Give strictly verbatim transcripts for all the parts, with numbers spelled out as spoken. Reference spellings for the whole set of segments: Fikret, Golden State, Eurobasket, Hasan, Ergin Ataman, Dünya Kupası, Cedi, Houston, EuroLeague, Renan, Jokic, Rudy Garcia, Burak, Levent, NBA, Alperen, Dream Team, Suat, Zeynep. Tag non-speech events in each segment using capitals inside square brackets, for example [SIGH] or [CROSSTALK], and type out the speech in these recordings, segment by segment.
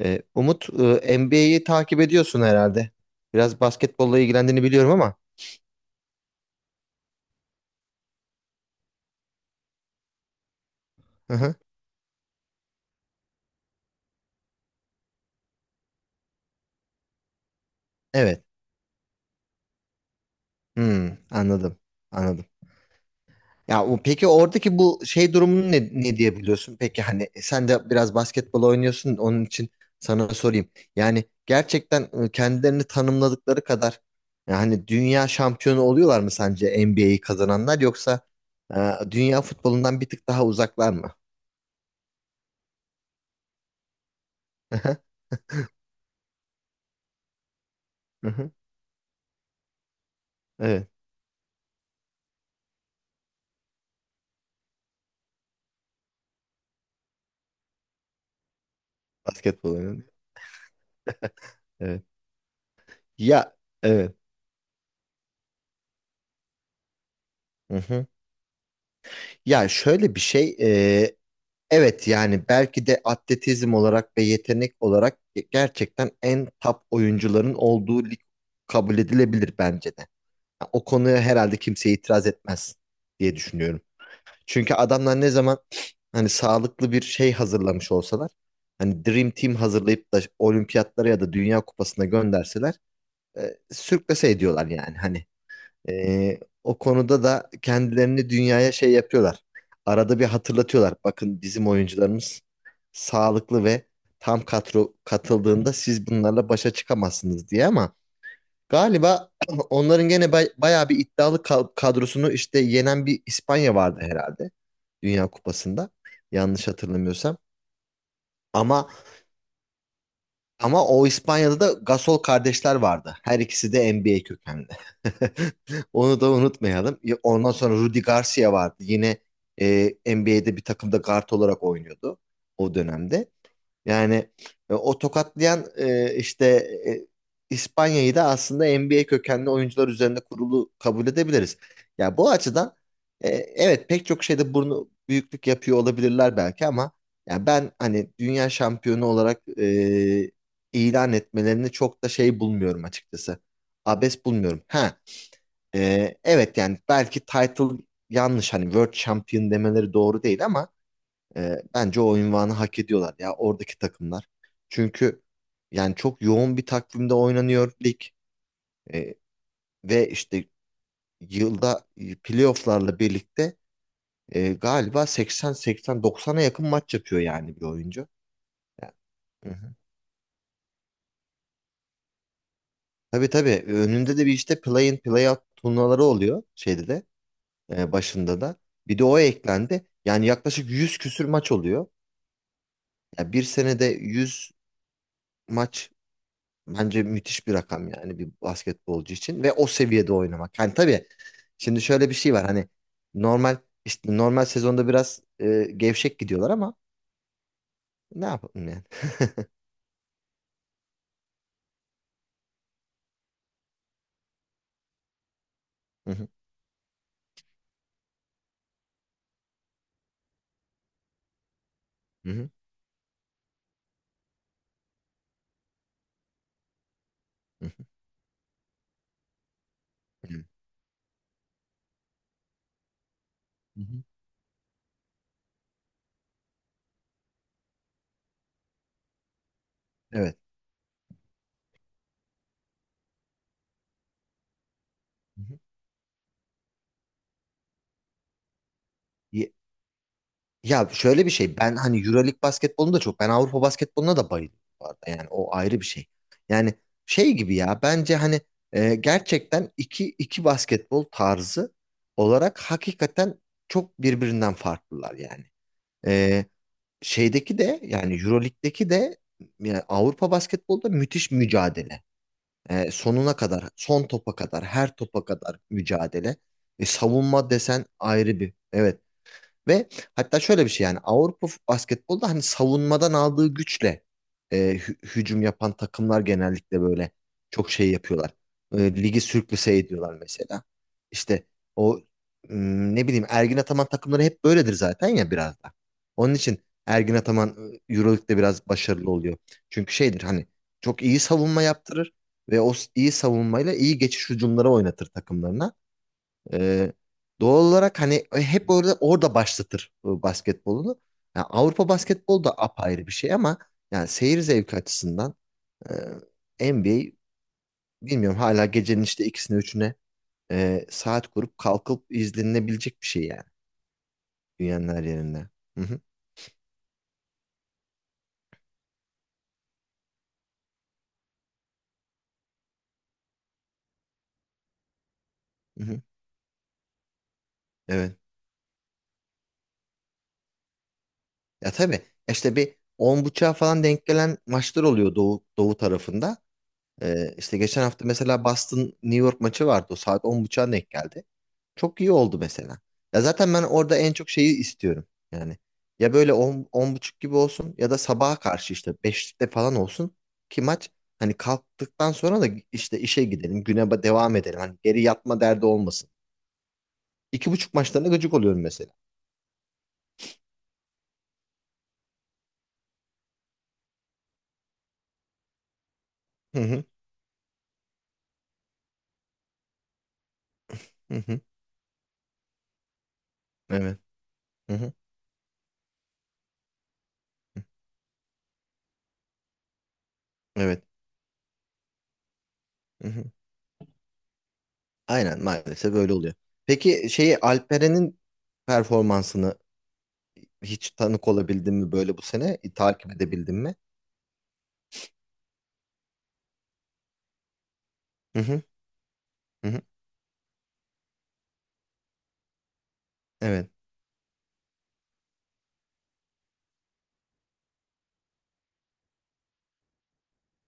Ee, Umut, e, N B A'yi takip ediyorsun herhalde. Biraz basketbolla ilgilendiğini biliyorum ama. Hı hı. Evet. Hmm, anladım. Anladım. Ya o- peki oradaki bu şey durumunu ne, ne diye biliyorsun? Peki hani e, sen de biraz basketbol oynuyorsun onun için sana sorayım. Yani gerçekten e, kendilerini tanımladıkları kadar yani dünya şampiyonu oluyorlar mı sence N B A'yi kazananlar yoksa e, dünya futbolundan bir tık daha uzaklar mı? [LAUGHS] Hı hı. Evet. Basketbol oynuyor. Evet. Ya evet. Hı hı. Ya şöyle bir şey, e, evet, yani belki de atletizm olarak ve yetenek olarak ge- gerçekten en top oyuncuların olduğu lig kabul edilebilir bence de. Ha, o konuya herhalde kimse itiraz etmez diye düşünüyorum. Çünkü adamlar ne zaman hani sağlıklı bir şey hazırlamış olsalar, hani Dream Team hazırlayıp da olimpiyatlara ya da Dünya Kupası'na gönderseler, e, sürklese ediyorlar yani hani. Ee, o konuda da kendilerini dünyaya şey yapıyorlar. Arada bir hatırlatıyorlar. Bakın, bizim oyuncularımız sağlıklı ve tam kadro katıldığında siz bunlarla başa çıkamazsınız diye. Ama galiba [CLEARS THROAT] onların gene bay- bayağı bir iddialı kal- kadrosunu işte yenen bir İspanya vardı herhalde Dünya Kupası'nda. Yanlış hatırlamıyorsam. Ama Ama o İspanya'da da Gasol kardeşler vardı. Her ikisi de N B A kökenli. [LAUGHS] Onu da unutmayalım. Ya, ondan sonra Rudy Garcia vardı. Yine e, N B A'de bir takımda guard olarak oynuyordu o dönemde. Yani e, o tokatlayan, e, işte, e, İspanya'yı da aslında N B A kökenli oyuncular üzerinde kurulu kabul edebiliriz. Ya bu açıdan e, evet, pek çok şeyde burnu büyüklük yapıyor olabilirler belki ama ya ben hani dünya şampiyonu olarak e, ilan etmelerini çok da şey bulmuyorum açıkçası. Abes bulmuyorum. Ha, e, evet, yani belki title yanlış, hani World Champion demeleri doğru değil ama ee, bence o unvanı hak ediyorlar ya, oradaki takımlar. Çünkü yani çok yoğun bir takvimde oynanıyor lig. Ee, Ve işte yılda e, playofflarla birlikte, e, galiba seksen, seksen doksana yakın maç yapıyor yani bir oyuncu. Yani, hı hı. Tabii tabii, e, önünde de bir işte play-in play-out turnuvaları oluyor, şeyde de, e, başında da. Bir de o eklendi. Yani yaklaşık yüz küsür maç oluyor. Yani bir senede yüz maç. Bence müthiş bir rakam yani bir basketbolcu için ve o seviyede oynamak. Yani tabii, şimdi şöyle bir şey var hani, normal, işte normal sezonda biraz e, gevşek gidiyorlar ama ne yapalım yani. Hı hı. Hı hı. Hı hı. Hı hı. Evet. Hı hı. Ye- Ya şöyle bir şey, ben hani EuroLeague basketbolunu da, çok ben Avrupa basketboluna da bayılıyorum bu arada, yani o ayrı bir şey. Yani şey gibi, ya bence hani e, gerçekten iki iki basketbol tarzı olarak hakikaten çok birbirinden farklılar yani. Ee, Şeydeki de, yani Euroleague'deki de, yani Avrupa basketbolda müthiş mücadele. Ee, sonuna kadar, son topa kadar, her topa kadar mücadele. E, savunma desen ayrı bir. Evet, ve hatta şöyle bir şey, yani Avrupa basketbolda hani savunmadan aldığı güçle e, hü- hücum yapan takımlar genellikle böyle çok şey yapıyorlar. E, Ligi sürklase ediyorlar mesela. İşte o, m, ne bileyim, Ergin Ataman takımları hep böyledir zaten ya biraz da. Onun için Ergin Ataman e, Euroleague'de biraz başarılı oluyor. Çünkü şeydir hani, çok iyi savunma yaptırır ve o s- iyi savunmayla iyi geçiş hücumları oynatır takımlarına. Ee, Doğal olarak hani e, hep orada orada başlatır e, basketbolunu. Yani Avrupa basketbolu da apayrı bir şey ama yani seyir zevki açısından e, N B A, bilmiyorum, hala gecenin işte ikisine üçüne e, saat kurup kalkıp izlenebilecek bir şey yani dünyanın her yerinde. Hı hı. Hı hı. Evet. Ya tabii, işte bir on buçuğa falan denk gelen maçlar oluyor doğu, doğu tarafında. Ee, işte geçen hafta mesela Boston New York maçı vardı. O saat on buçuğa denk geldi. Çok iyi oldu mesela. Ya zaten ben orada en çok şeyi istiyorum. Yani ya böyle on on buçuk gibi olsun ya da sabaha karşı işte beşte falan olsun, ki maç hani kalktıktan sonra da işte işe gidelim, güne ba- devam edelim. Hani geri yatma derdi olmasın. İki buçuk maçlarına gıcık oluyorum mesela. Hı hı. Hı hı. Evet. Hı hı. Evet. Hı hı. Aynen, maalesef öyle oluyor. Peki şeyi, Alperen'in performansını hiç tanık olabildin mi böyle bu sene? Takip edebildin mi? Hı hı. Hı hı. Evet.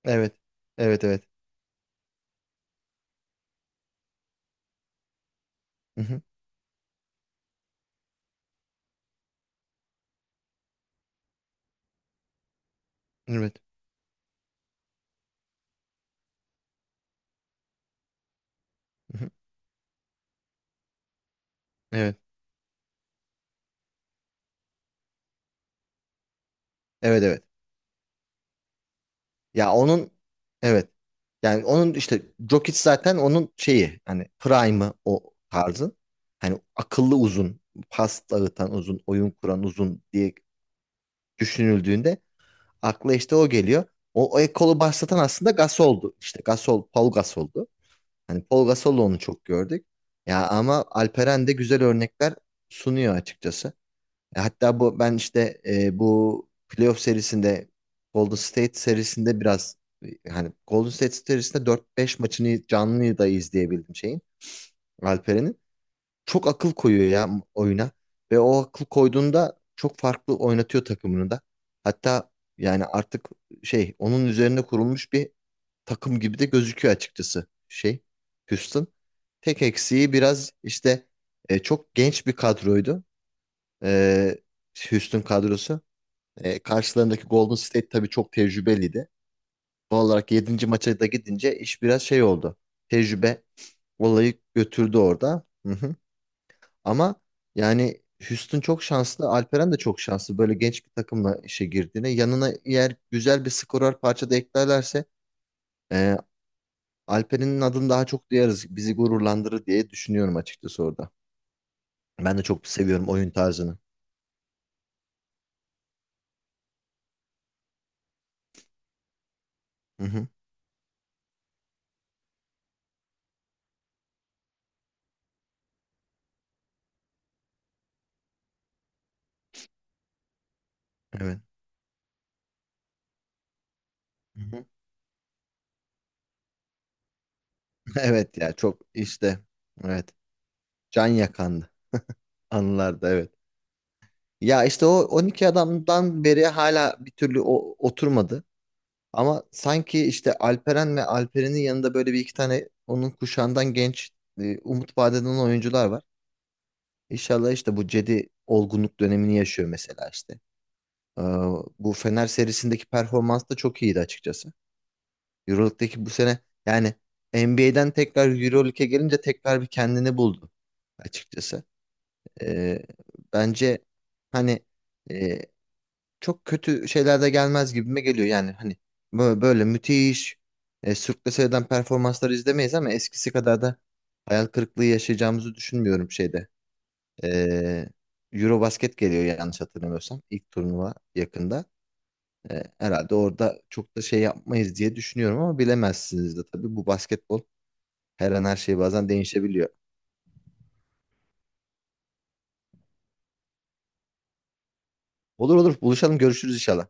Evet. Evet evet. Hı hı. Evet. Hı hı. Evet. Evet evet. Ya onun, evet. Yani onun işte, Jokic zaten onun şeyi, hani prime'ı o tarzı. Hani akıllı uzun, pas dağıtan uzun, oyun kuran uzun diye düşünüldüğünde akla işte o geliyor. O, o ekolu başlatan aslında Gasol'du. İşte Gasol, Paul Gasol'du. Hani Paul Gasol'la onu çok gördük. Ya ama Alperen de güzel örnekler sunuyor açıkçası. E, Hatta bu, ben işte e, bu playoff serisinde, Golden State serisinde biraz e, hani Golden State serisinde dört beş maçını canlı da izleyebildim şeyin, Alperen'in. Çok akıl koyuyor ya oyuna ve o akıl koyduğunda çok farklı oynatıyor takımını da. Hatta yani artık şey, onun üzerine kurulmuş bir takım gibi de gözüküyor açıkçası, şey, Houston. Tek eksiği biraz işte, e, çok genç bir kadroydu e, Houston kadrosu. E, karşılarındaki Golden State tabii çok tecrübeliydi. Doğal olarak yedinci maça da gidince iş biraz şey oldu. Tecrübe olayı götürdü orada. Hı hı. Ama yani Houston çok şanslı. Alperen de çok şanslı. Böyle genç bir takımla işe girdiğine. Yanına eğer güzel bir skorer parça da eklerlerse e, Alperen'in adını daha çok duyarız. Bizi gururlandırır diye düşünüyorum açıkçası orada. Ben de çok seviyorum oyun tarzını. Hı hı. Evet. [LAUGHS] Evet, ya çok işte, evet, can yakandı anılarda, evet. Ya işte o on iki adamdan beri hala bir türlü o, oturmadı. Ama sanki işte Alperen ve Alperen'in yanında böyle bir iki tane onun kuşağından genç, e, umut vaat eden oyuncular var. İnşallah işte bu Cedi olgunluk dönemini yaşıyor mesela işte. Ee, Bu Fener serisindeki performans da çok iyiydi açıkçası. Euroleague'deki bu sene, yani N B A'den tekrar Euroleague'e gelince tekrar bir kendini buldu açıkçası. Ee, Bence hani e, çok kötü şeyler de gelmez gibime geliyor. Yani hani böyle, böyle müthiş e, sürklese eden performansları izlemeyiz ama eskisi kadar da hayal kırıklığı yaşayacağımızı düşünmüyorum şeyde. Ee, Eurobasket geliyor yanlış hatırlamıyorsam, ilk turnuva yakında. Ee, herhalde orada çok da şey yapmayız diye düşünüyorum ama bilemezsiniz de tabii, bu basketbol her an her şey bazen değişebiliyor. Olur olur, buluşalım, görüşürüz inşallah.